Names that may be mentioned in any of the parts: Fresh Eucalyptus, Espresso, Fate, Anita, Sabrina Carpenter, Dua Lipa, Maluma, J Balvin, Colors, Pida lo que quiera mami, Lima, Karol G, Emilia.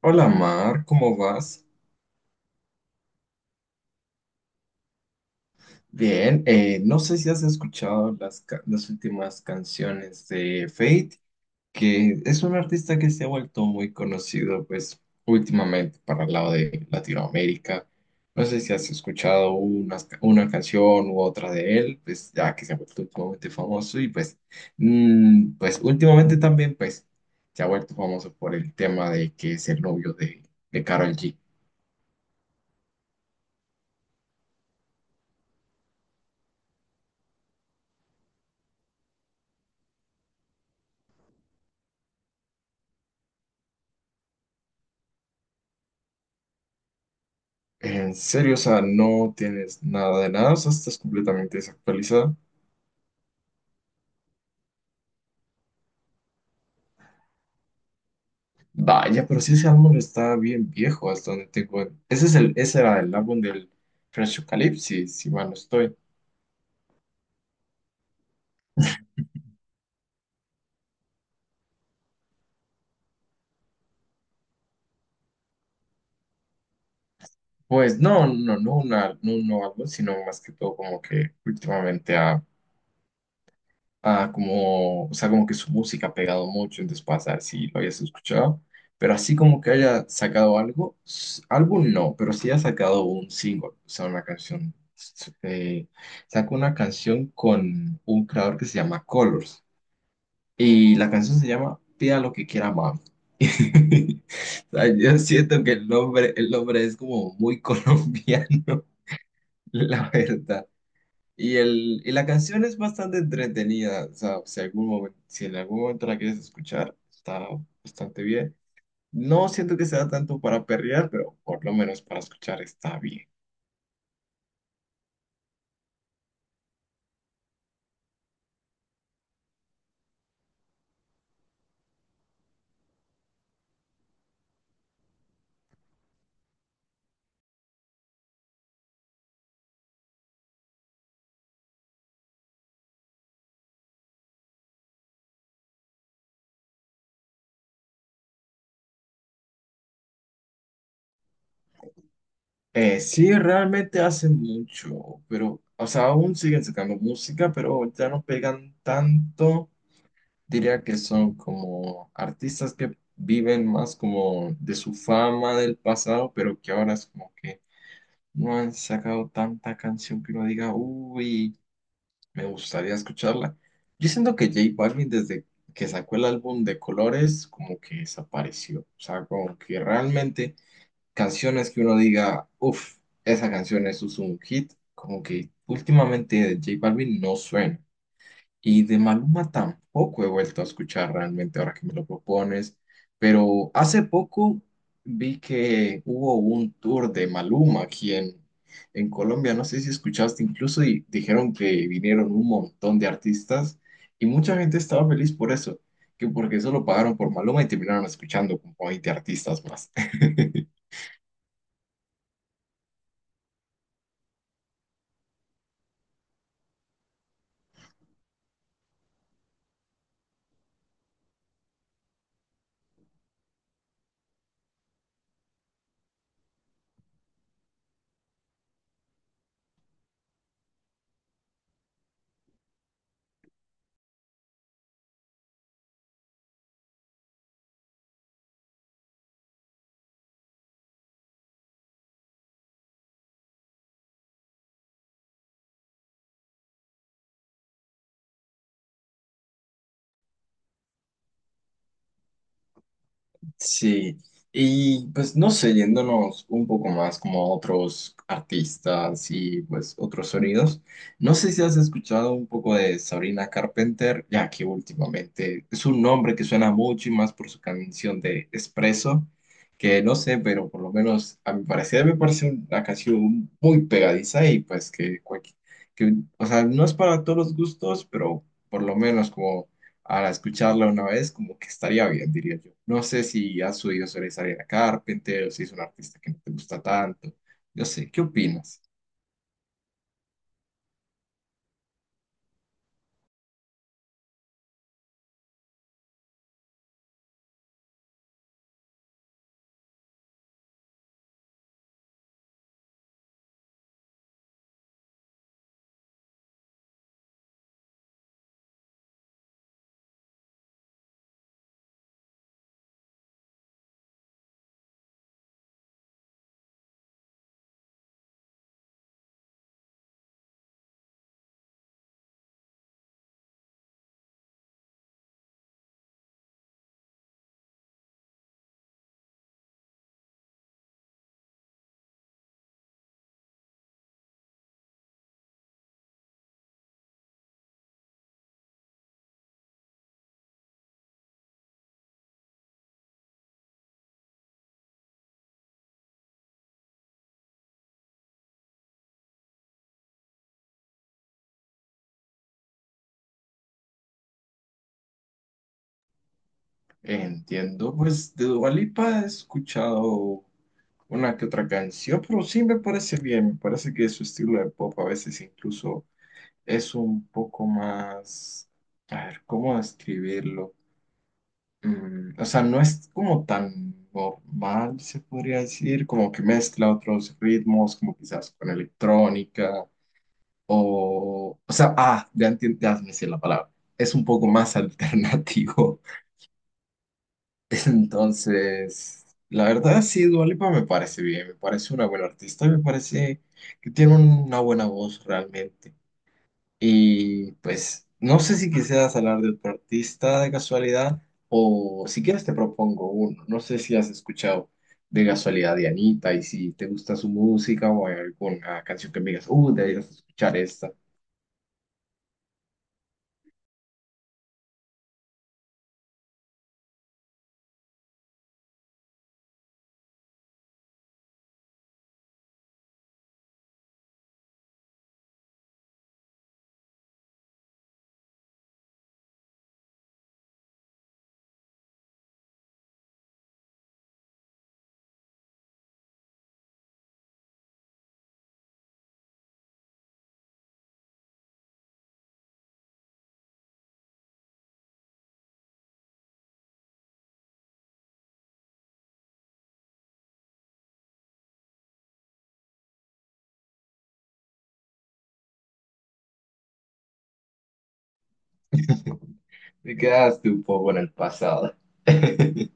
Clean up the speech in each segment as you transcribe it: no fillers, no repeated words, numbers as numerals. Hola Mar, ¿cómo vas? Bien, no sé si has escuchado las últimas canciones de Fate, que es un artista que se ha vuelto muy conocido, pues últimamente para el lado de Latinoamérica. No sé si has escuchado una canción u otra de él, pues ya que se ha vuelto últimamente famoso y pues últimamente también pues se ha vuelto famoso por el tema de que es el novio de Karol G. En serio, o sea, no tienes nada de nada, o sea, estás completamente desactualizado. Vaya, pero sí, ese álbum está bien viejo, hasta donde tengo. Ese era el álbum del Fresh Eucalyptus, si mal no estoy. Pues no, no un nuevo álbum, sino más que todo como que últimamente ha... Ah, como, o sea, como que su música ha pegado mucho, entonces para saber si lo habías escuchado, pero así como que haya sacado algo, álbum no, pero sí ha sacado un single, o sea, una canción. Sacó una canción con un creador que se llama Colors y la canción se llama Pida lo que quiera mami. O sea, yo siento que el nombre es como muy colombiano, la verdad. Y, y la canción es bastante entretenida, o sea, si si en algún momento la quieres escuchar, está bastante bien. No siento que sea tanto para perrear, pero por lo menos para escuchar está bien. Sí, realmente hacen mucho, pero, o sea, aún siguen sacando música, pero ya no pegan tanto. Diría que son como artistas que viven más como de su fama del pasado, pero que ahora es como que no han sacado tanta canción que uno diga, uy. Me gustaría escucharla. Yo siento que J Balvin desde que sacó el álbum de Colores como que desapareció. O sea, como que realmente canciones que uno diga, uff, esa canción es un hit, como que últimamente de J Balvin no suena. Y de Maluma tampoco he vuelto a escuchar realmente ahora que me lo propones, pero hace poco vi que hubo un tour de Maluma aquí en Colombia, no sé si escuchaste incluso, y dijeron que vinieron un montón de artistas y mucha gente estaba feliz por eso, que porque solo pagaron por Maluma y terminaron escuchando como 20 artistas más. Sí, y pues no sé, yéndonos un poco más como a otros artistas y pues otros sonidos, no sé si has escuchado un poco de Sabrina Carpenter, ya que últimamente es un nombre que suena mucho y más por su canción de Espresso, que no sé, pero por lo menos a mi parecer me parece una canción muy pegadiza y pues que, que o sea, no es para todos los gustos, pero por lo menos como para escucharla una vez, como que estaría bien, diría yo. No sé si has oído sobre Sabrina Carpenter o si es un artista que no te gusta tanto. No sé, ¿qué opinas? Entiendo, pues de Dua Lipa he escuchado una que otra canción, pero sí me parece bien. Me parece que su estilo de pop a veces incluso es un poco más. A ver, ¿cómo describirlo? O sea, no es como tan normal, se podría decir, como que mezcla otros ritmos, como quizás con electrónica, o sea, ah, ya entiendo, ya me sé la palabra, es un poco más alternativo. Entonces, la verdad, sí, Dua Lipa me parece bien, me parece una buena artista, y me parece que tiene una buena voz realmente. Y pues no sé si quisieras hablar de otro artista de casualidad o si quieres te propongo uno. No sé si has escuchado de casualidad de Anita y si te gusta su música o hay alguna canción que me digas, deberías escuchar esta. Me quedaste un poco en el pasado.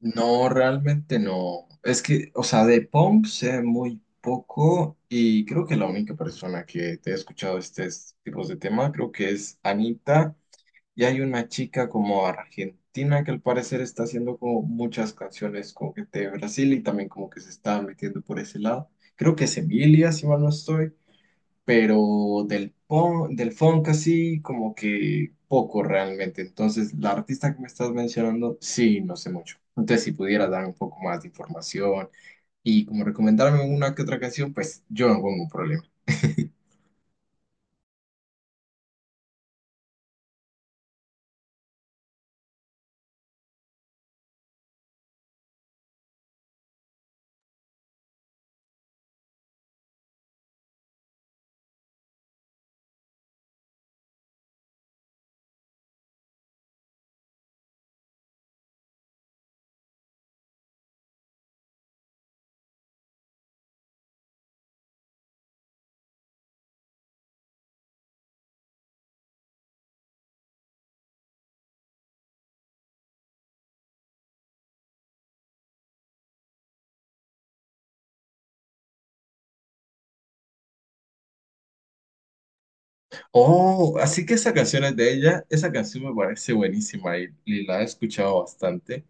No, realmente no. Es que, o sea, de punk sé muy poco y creo que la única persona que te he escuchado estos tipos de tema creo que es Anita. Y hay una chica como argentina que al parecer está haciendo como muchas canciones como que de Brasil y también como que se está metiendo por ese lado. Creo que es Emilia, si mal no estoy, pero del funk así como que poco realmente. Entonces, la artista que me estás mencionando, sí, no sé mucho. Entonces, si pudieras darme un poco más de información y como recomendarme una que otra canción, pues yo no pongo un problema. Oh, así que esa canción es de ella. Esa canción me parece buenísima y la he escuchado bastante.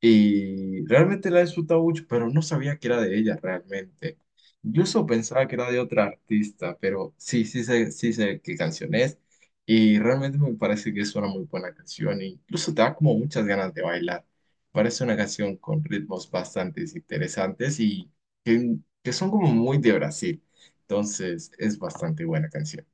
Y realmente la he disfrutado mucho, pero no sabía que era de ella realmente. Yo solo pensaba que era de otra artista, pero sí, sí sé qué canción es. Y realmente me parece que es una muy buena canción, e incluso te da como muchas ganas de bailar. Parece una canción con ritmos bastante interesantes y que, que son como muy de Brasil. Entonces es bastante buena canción.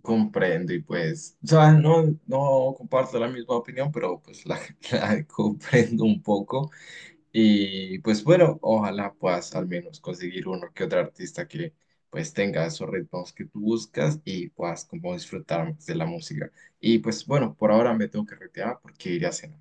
Comprendo y pues, o sea, no comparto la misma opinión, pero pues la, la comprendo un poco y pues bueno, ojalá puedas al menos conseguir uno que otro artista que pues tenga esos ritmos que tú buscas y puedas como disfrutar más de la música. Y pues bueno, por ahora me tengo que retirar porque iré a cenar.